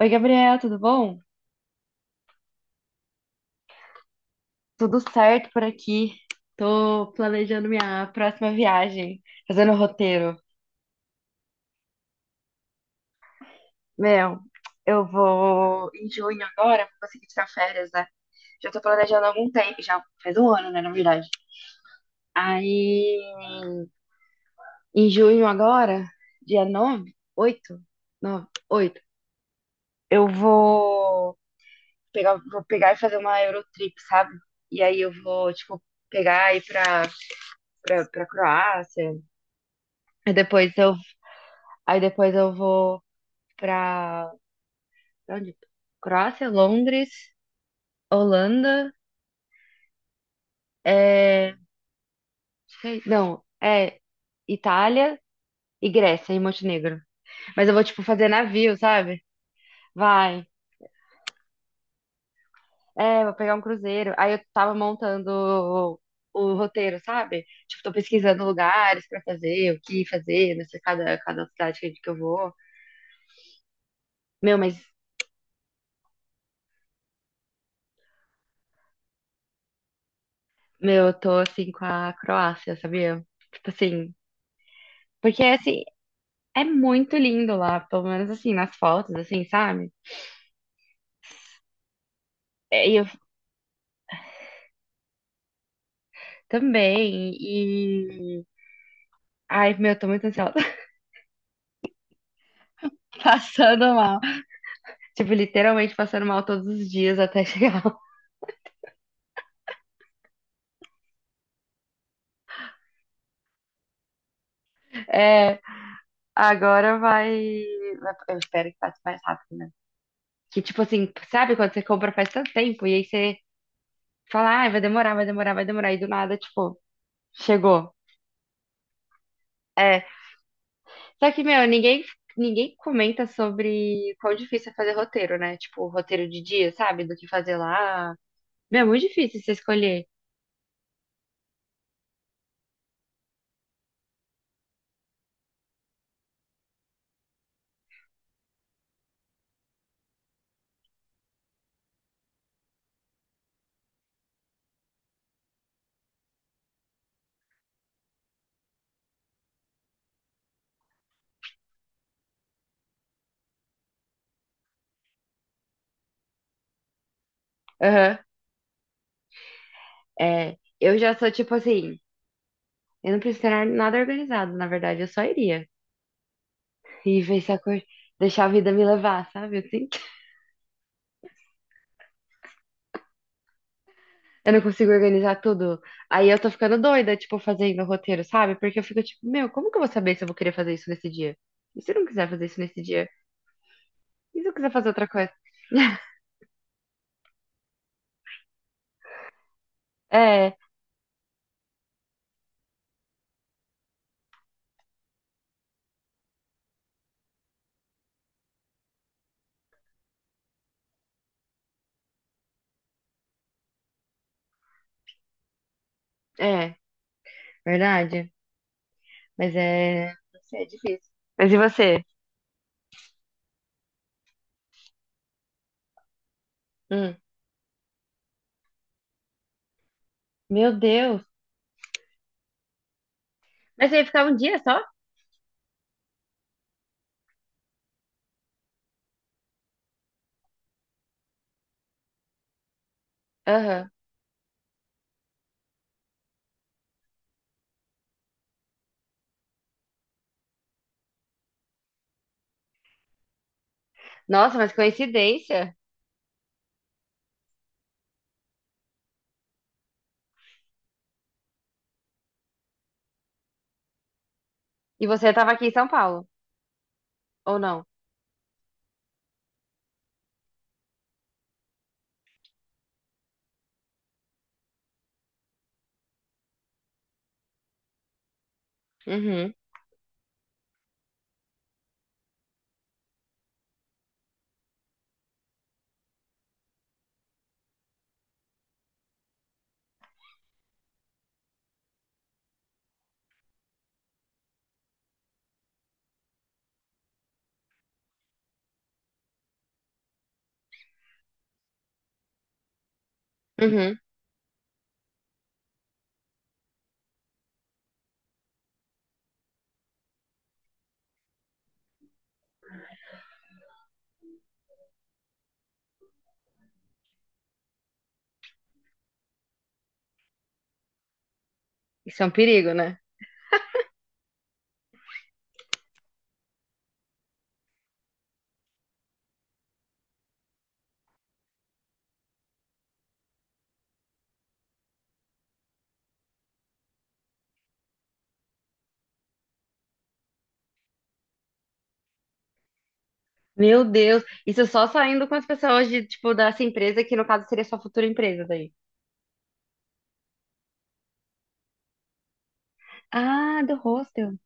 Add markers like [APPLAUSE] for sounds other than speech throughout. Oi, Gabriel, tudo bom? Tudo certo por aqui. Tô planejando minha próxima viagem, fazendo o roteiro. Meu, eu vou em junho agora, vou conseguir tirar férias, né? Já tô planejando há algum tempo, já faz um ano, né, na verdade. Aí, em junho agora, dia 9, 8, 9, 8, eu vou pegar e fazer uma Eurotrip, sabe? E aí eu vou, tipo, pegar e ir pra Croácia. Aí depois eu, aí depois eu vou pra, pra onde? Croácia, Londres, Holanda, é, sei- não, é Itália e Grécia e Montenegro. Mas eu vou, tipo, fazer navio, sabe? Vai. É, vou pegar um cruzeiro. Aí eu tava montando o roteiro, sabe? Tipo, tô pesquisando lugares pra fazer, o que fazer, não sei, cada cidade que eu vou. Meu, mas, meu, eu tô assim com a Croácia, sabia? Tipo assim, porque assim, é muito lindo lá, pelo menos assim, nas fotos, assim, sabe? É, e eu também, e. Ai, meu, tô muito ansiosa. [LAUGHS] Passando mal. Tipo, literalmente passando mal todos os dias até [LAUGHS] chegar lá. É, agora vai. Eu espero que passe mais rápido, né? Que tipo assim, sabe quando você compra faz tanto tempo e aí você fala, ah, vai demorar, vai demorar, vai demorar, e do nada, tipo, chegou. É. Só que, meu, ninguém comenta sobre quão difícil é fazer roteiro, né? Tipo, roteiro de dia, sabe? Do que fazer lá. Meu, é muito difícil você escolher. Aham. É. Eu já sou tipo assim, eu não preciso ter nada organizado, na verdade, eu só iria. E ver se a acor... deixar a vida me levar, sabe? Eu sinto. [LAUGHS] Eu não consigo organizar tudo. Aí eu tô ficando doida, tipo, fazendo o roteiro, sabe? Porque eu fico tipo, meu, como que eu vou saber se eu vou querer fazer isso nesse dia? E se eu não quiser fazer isso nesse dia? E se eu quiser fazer outra coisa? [LAUGHS] É, é, verdade. Mas é. Não sei, é difícil. Mas e você? Hum. Meu Deus. Mas você ia ficar um dia só? Aham. Nossa, mas coincidência. E você tava aqui em São Paulo, ou não? Uhum. Uhum. Isso é um perigo, né? Meu Deus, isso só saindo com as pessoas de, tipo, dessa empresa, que no caso seria sua futura empresa daí. Ah, do hostel.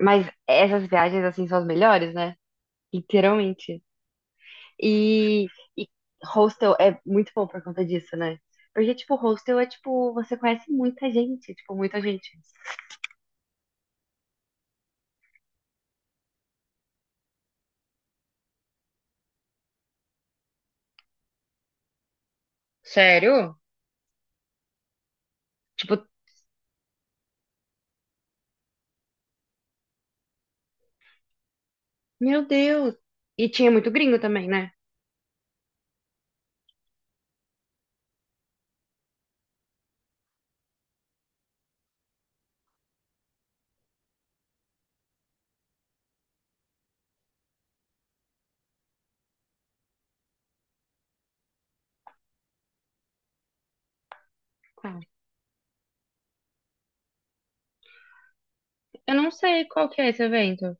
Mas essas viagens, assim, são as melhores, né? Literalmente. E, e hostel é muito bom por conta disso, né? Porque, tipo, hostel é, tipo, você conhece muita gente, tipo, muita gente. Sério? Tipo, meu Deus. E tinha muito gringo também, né? Claro. Eu não sei qual que é esse evento.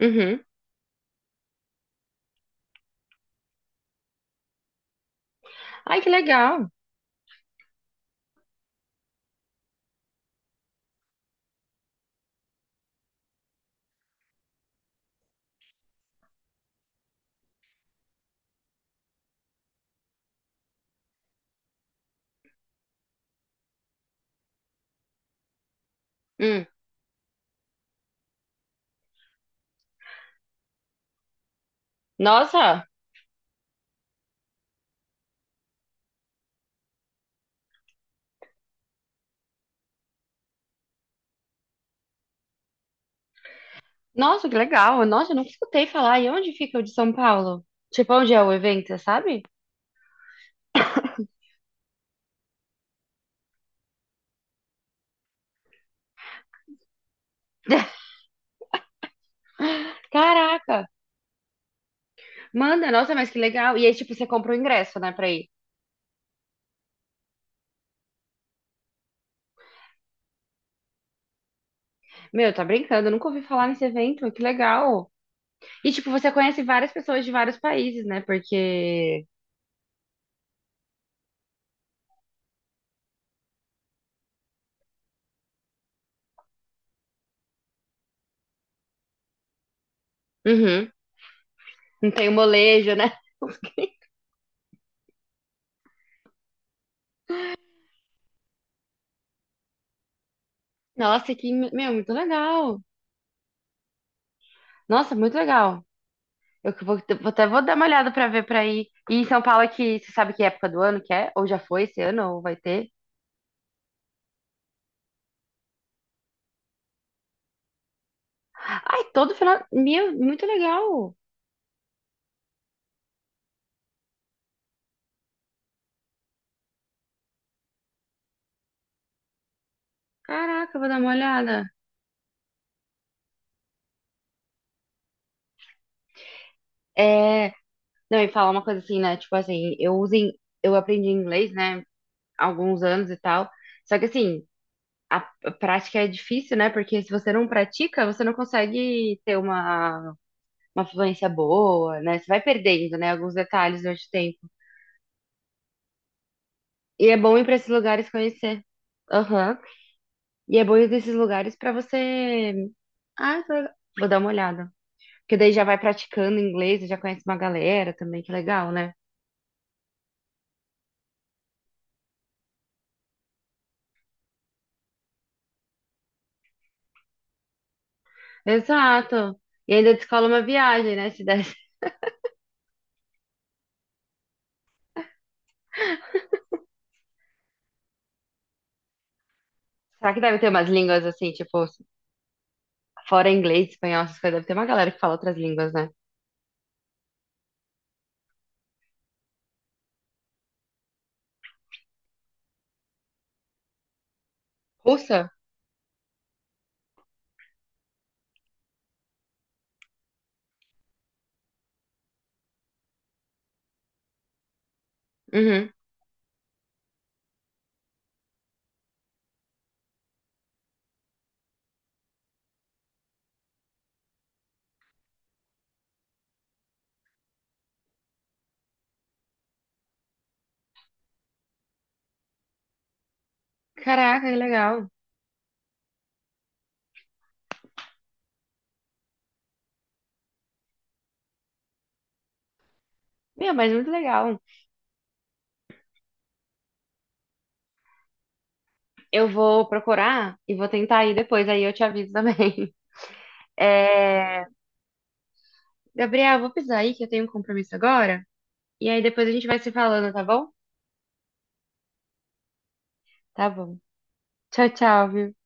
Uhum. Ai, que legal. Hum. Nossa, nossa, que legal. Nossa, eu nunca escutei falar. E onde fica o de São Paulo? Tipo, onde é o evento, você sabe? [LAUGHS] Caraca, manda, nossa, mas que legal. E aí, tipo, você compra o ingresso, né, pra ir. Meu, tá brincando, eu nunca ouvi falar nesse evento, que legal. E, tipo, você conhece várias pessoas de vários países, né, porque... Uhum, não tem o molejo, né? Nossa, que, meu, muito legal. Nossa, muito legal. Eu que vou dar uma olhada pra ver pra ir. E em São Paulo, é que você sabe que época do ano que é? Ou já foi esse ano, ou vai ter? Ai, todo final. Meu, muito legal. Caraca, eu vou dar uma olhada. É. Não, e falar uma coisa assim, né? Tipo assim, eu uso em... eu aprendi inglês, né? Há alguns anos e tal. Só que assim, a a prática é difícil, né? Porque se você não pratica, você não consegue ter uma fluência boa, né? Você vai perdendo, né? Alguns detalhes durante o tempo. E é bom ir pra esses lugares conhecer. Aham. E é bom ir nesses lugares pra você. Ah, tô- Vou dar uma olhada. Porque daí já vai praticando inglês, e já conhece uma galera também, que legal, né? Exato. E ainda descola uma viagem, né? Se desse. [LAUGHS] Será que deve ter umas línguas assim, tipo, fora inglês, espanhol, essas coisas? Deve ter uma galera que fala outras línguas, né? Russa? Uhum. Caraca, que legal. Meu, mas muito legal. Eu vou procurar e vou tentar ir depois, aí eu te aviso também. [LAUGHS] É... Gabriel, vou precisar aí que eu tenho um compromisso agora. E aí depois a gente vai se falando, tá bom? Tá bom. Tchau, tchau, viu?